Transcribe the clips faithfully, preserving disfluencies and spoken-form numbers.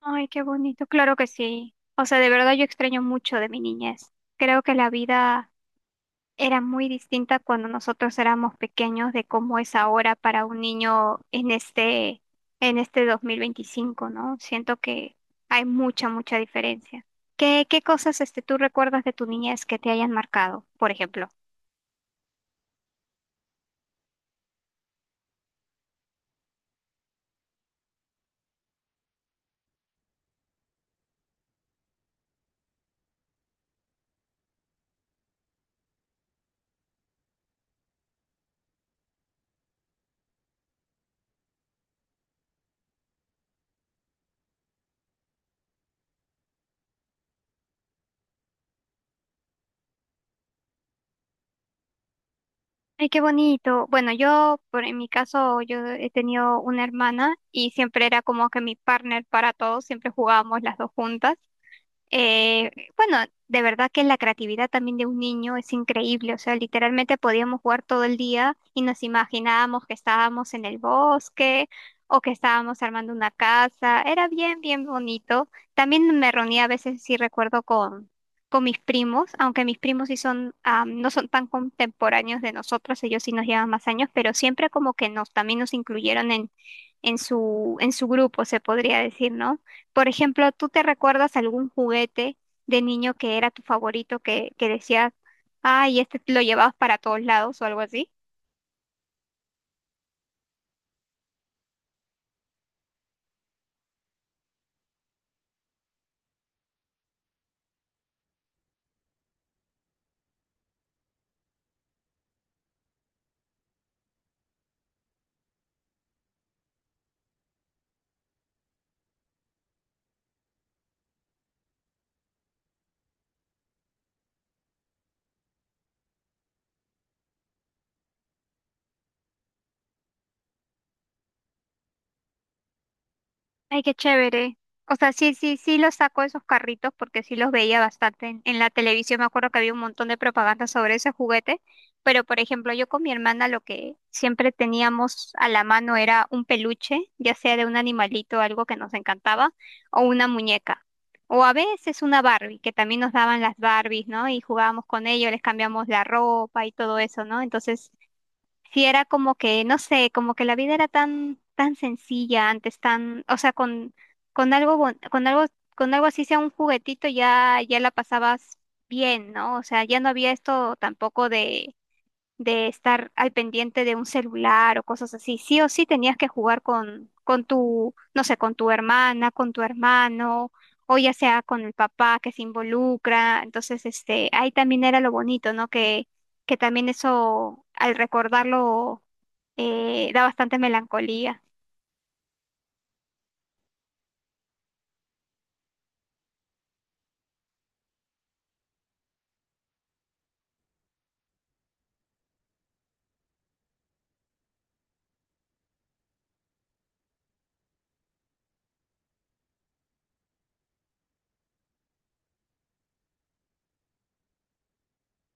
Ay, qué bonito, claro que sí. O sea, de verdad yo extraño mucho de mi niñez. Creo que la vida era muy distinta cuando nosotros éramos pequeños de cómo es ahora para un niño en este, en este dos mil veinticinco, ¿no? Siento que hay mucha, mucha diferencia. ¿Qué, qué cosas este, tú recuerdas de tu niñez que te hayan marcado, por ejemplo? Ay, qué bonito. Bueno, yo, por, en mi caso, yo he tenido una hermana y siempre era como que mi partner para todos, siempre jugábamos las dos juntas. Eh, bueno, de verdad que la creatividad también de un niño es increíble, o sea, literalmente podíamos jugar todo el día y nos imaginábamos que estábamos en el bosque o que estábamos armando una casa, era bien, bien bonito. También me reunía a veces, sí recuerdo, con, con mis primos, aunque mis primos sí son, ah, no son tan contemporáneos de nosotros, ellos sí nos llevan más años, pero siempre como que nos, también nos incluyeron en, en su, en su grupo, se podría decir, ¿no? Por ejemplo, ¿tú te recuerdas algún juguete de niño que era tu favorito que, que decías, ay, este lo llevabas para todos lados o algo así? Ay, qué chévere. O sea, sí, sí, sí los saco esos carritos porque sí los veía bastante en, en la televisión. Me acuerdo que había un montón de propaganda sobre ese juguete. Pero, por ejemplo, yo con mi hermana lo que siempre teníamos a la mano era un peluche, ya sea de un animalito, algo que nos encantaba, o una muñeca. O a veces una Barbie, que también nos daban las Barbies, ¿no? Y jugábamos con ellos, les cambiamos la ropa y todo eso, ¿no? Entonces, sí era como que, no sé, como que la vida era tan, tan sencilla antes, tan, o sea, con, con algo, bon- con algo, con algo así sea un juguetito ya, ya la pasabas bien, ¿no? O sea, ya no había esto tampoco de estar al pendiente de un celular o cosas así. Sí o sí tenías que jugar con, con tu, no sé, con tu hermana, con tu hermano, o ya sea con el papá que se involucra. Entonces, este, ahí también era lo bonito, ¿no? Que, que también eso, al recordarlo, eh, da bastante melancolía.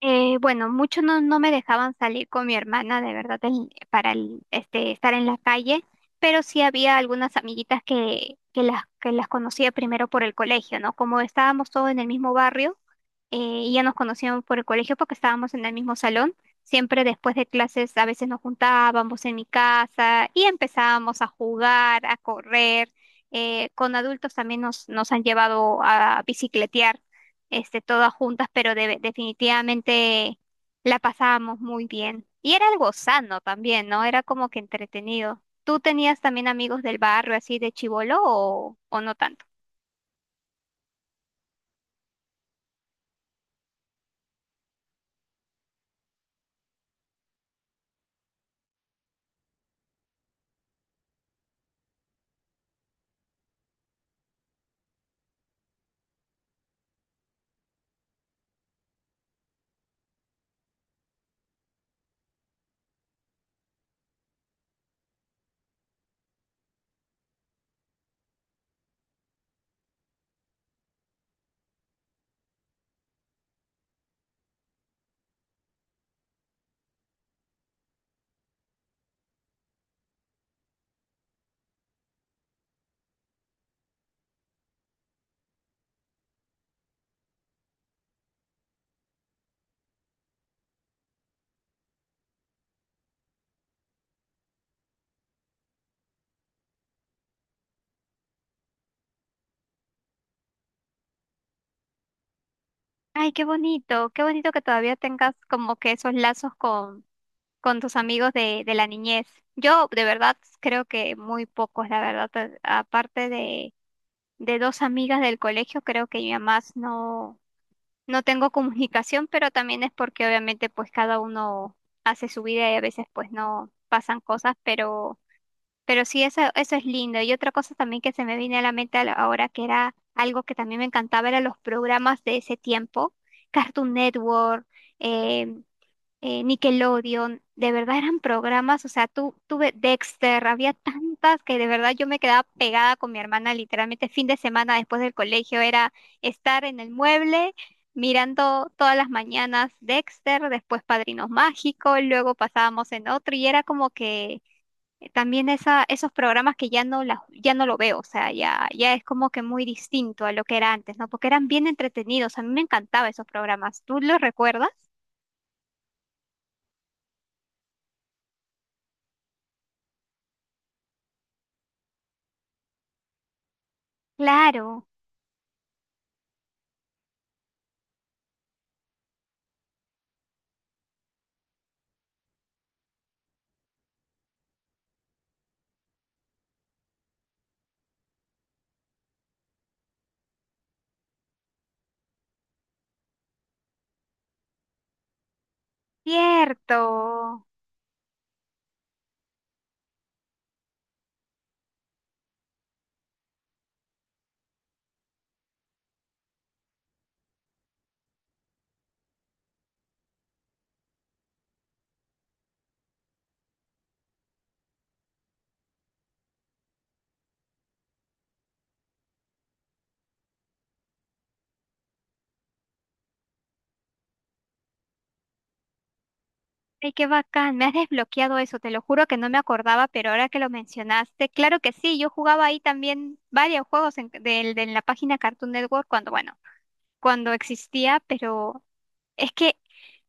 Eh, bueno, muchos no, no me dejaban salir con mi hermana, de verdad, en- para el- este, estar en la calle, pero sí había algunas amiguitas que, que las, que las conocía primero por el colegio, ¿no? Como estábamos todos en el mismo barrio, eh, y ya nos conocíamos por el colegio porque estábamos en el mismo salón. Siempre después de clases a veces nos juntábamos en mi casa y empezábamos a jugar, a correr. Eh, con adultos también nos, nos han llevado a bicicletear este, todas juntas, pero de- definitivamente la pasábamos muy bien. Y era algo sano también, ¿no? Era como que entretenido. ¿Tú tenías también amigos del barrio así de chibolo o, o no tanto? Ay, qué bonito, qué bonito que todavía tengas como que esos lazos con, con tus amigos de, de la niñez. Yo de verdad creo que muy pocos, la verdad, a- aparte de, de dos amigas del colegio, creo que ya más no no tengo comunicación, pero también es porque obviamente pues cada uno hace su vida y a veces pues no pasan cosas, pero, pero sí, eso, eso es lindo. Y otra cosa también que se me viene a la mente a la- ahora, que era algo que también me encantaba, eran los programas de ese tiempo, Cartoon Network, eh, eh, Nickelodeon, de verdad eran programas, o sea, tú tuve Dexter, había tantas que de verdad yo me quedaba pegada con mi hermana, literalmente fin de semana después del colegio era estar en el mueble mirando todas las mañanas Dexter, después Padrinos Mágicos, luego pasábamos en otro y era como que eh, también esa, esos programas que ya no la- ya no lo veo, o sea, ya, ya es como que muy distinto a lo que era antes, ¿no? Porque eran bien entretenidos, a mí me encantaban esos programas, ¿tú los recuerdas? Claro. Cierto. Ay, qué bacán. Me has desbloqueado eso. Te lo juro que no me acordaba, pero ahora que lo mencionaste, claro que sí. Yo jugaba ahí también varios juegos en, del- de la página Cartoon Network cuando, bueno, cuando existía, pero es que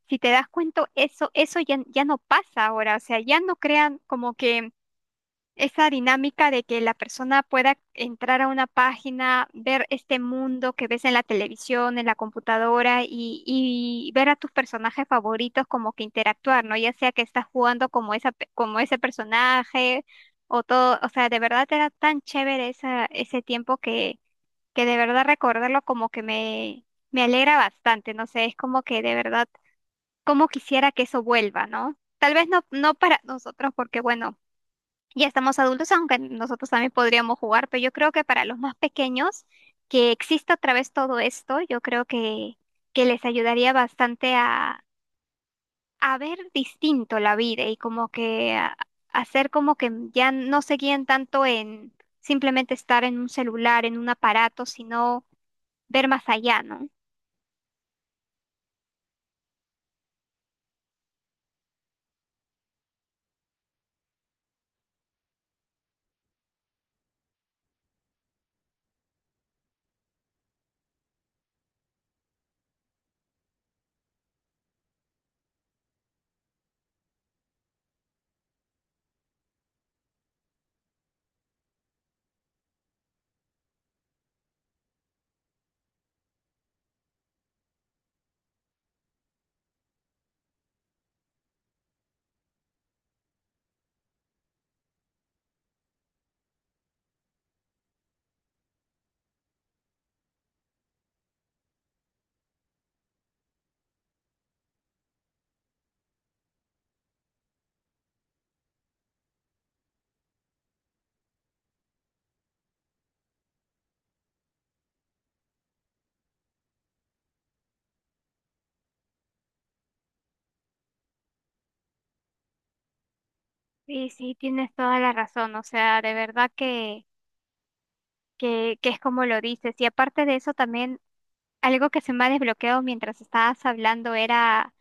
si te das cuenta, eso, eso ya, ya no pasa ahora. O sea, ya no crean como que esa dinámica de que la persona pueda entrar a una página, ver este mundo que ves en la televisión, en la computadora y, y ver a tus personajes favoritos como que interactuar, ¿no? Ya sea que estás jugando como esa, pe- como ese personaje o todo, o sea, de verdad era tan chévere esa, ese tiempo que, que de verdad recordarlo como que me, me alegra bastante, no sé, es como que de verdad, como quisiera que eso vuelva, ¿no? Tal vez no, no para nosotros, porque bueno. Ya estamos adultos, aunque nosotros también podríamos jugar, pero yo creo que para los más pequeños, que exista otra vez todo esto, yo creo que, que les ayudaría bastante a, a ver distinto la vida y como que a, hacer como que ya no se guíen tanto en simplemente estar en un celular, en un aparato, sino ver más allá, ¿no? Sí, sí, tienes toda la razón, o sea, de verdad que, que, que es como lo dices. Y aparte de eso, también algo que se me ha desbloqueado mientras estabas hablando era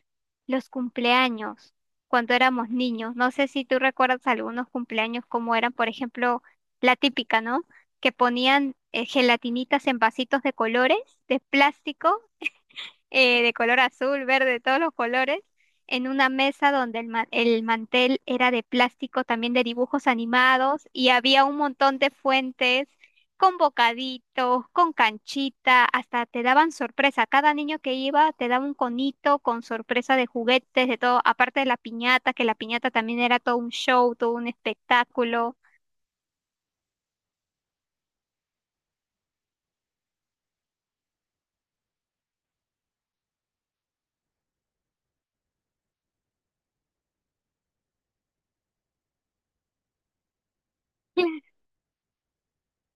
los cumpleaños, cuando éramos niños. No sé si tú recuerdas algunos cumpleaños como eran, por ejemplo, la típica, ¿no? Que ponían eh, gelatinitas en vasitos de colores, de plástico, eh, de color azul, verde, todos los colores, en una mesa donde el, ma- el mantel era de plástico, también de dibujos animados, y había un montón de fuentes con bocaditos, con canchita, hasta te daban sorpresa. Cada niño que iba te daba un conito con sorpresa de juguetes, de todo, aparte de la piñata, que la piñata también era todo un show, todo un espectáculo.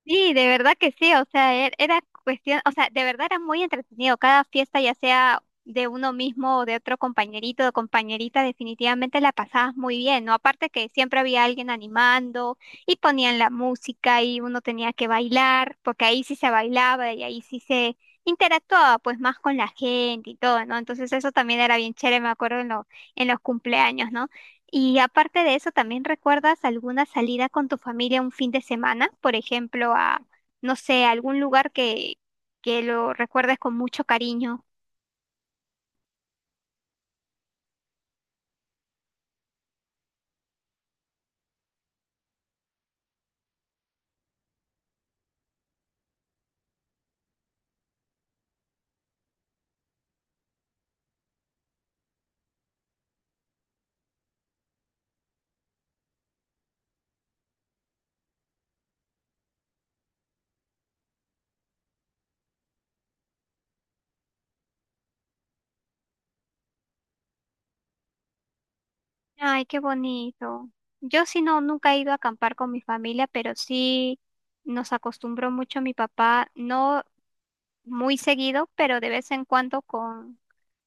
Sí, de verdad que sí, o sea, er- era cuestión, o sea, de verdad era muy entretenido. Cada fiesta, ya sea de uno mismo o de otro compañerito o compañerita, definitivamente la pasabas muy bien, ¿no? Aparte que siempre había alguien animando y ponían la música y uno tenía que bailar, porque ahí sí se bailaba y ahí sí se interactuaba pues más con la gente y todo, ¿no? Entonces eso también era bien chévere, me acuerdo en lo- en los cumpleaños, ¿no? Y aparte de eso, ¿también recuerdas alguna salida con tu familia un fin de semana? Por ejemplo, a, no sé, a algún lugar que, que lo recuerdes con mucho cariño. Ay, qué bonito. Yo sí no, nunca he ido a acampar con mi familia, pero sí nos acostumbró mucho mi papá, no muy seguido, pero de vez en cuando con,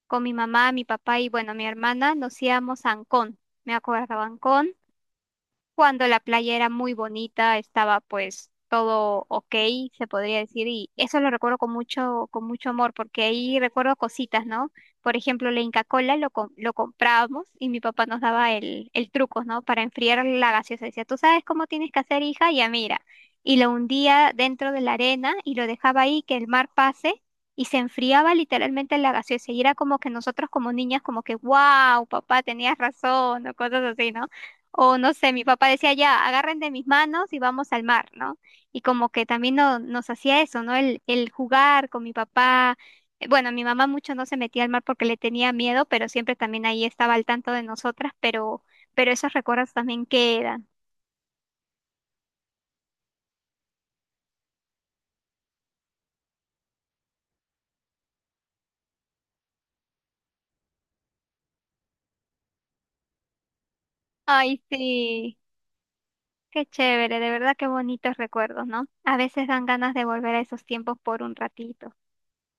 con mi mamá, mi papá y bueno, mi hermana nos íbamos a Ancón. Me acuerdo, Ancón cuando la playa era muy bonita, estaba pues todo ok, se podría decir, y eso lo recuerdo con mucho, con mucho amor, porque ahí recuerdo cositas, ¿no? Por ejemplo, la Inca Kola lo, com- lo comprábamos y mi papá nos daba el, el truco, ¿no? Para enfriar la gaseosa. Decía, tú sabes cómo tienes que hacer, hija, ya mira. Y lo hundía dentro de la arena y lo dejaba ahí que el mar pase y se enfriaba literalmente la gaseosa. Y era como que nosotros como niñas, como que, wow, papá, tenías razón, o cosas así, ¿no? O no sé, mi papá decía ya, agarren de mis manos y vamos al mar, ¿no? Y como que también no- nos hacía eso, ¿no? El, el jugar con mi papá. Eh, Bueno, mi mamá mucho no se metía al mar porque le tenía miedo, pero siempre también ahí estaba al tanto de nosotras, pero, pero esos recuerdos también quedan. Ay, sí, qué chévere, de verdad qué bonitos recuerdos, ¿no? A veces dan ganas de volver a esos tiempos por un ratito.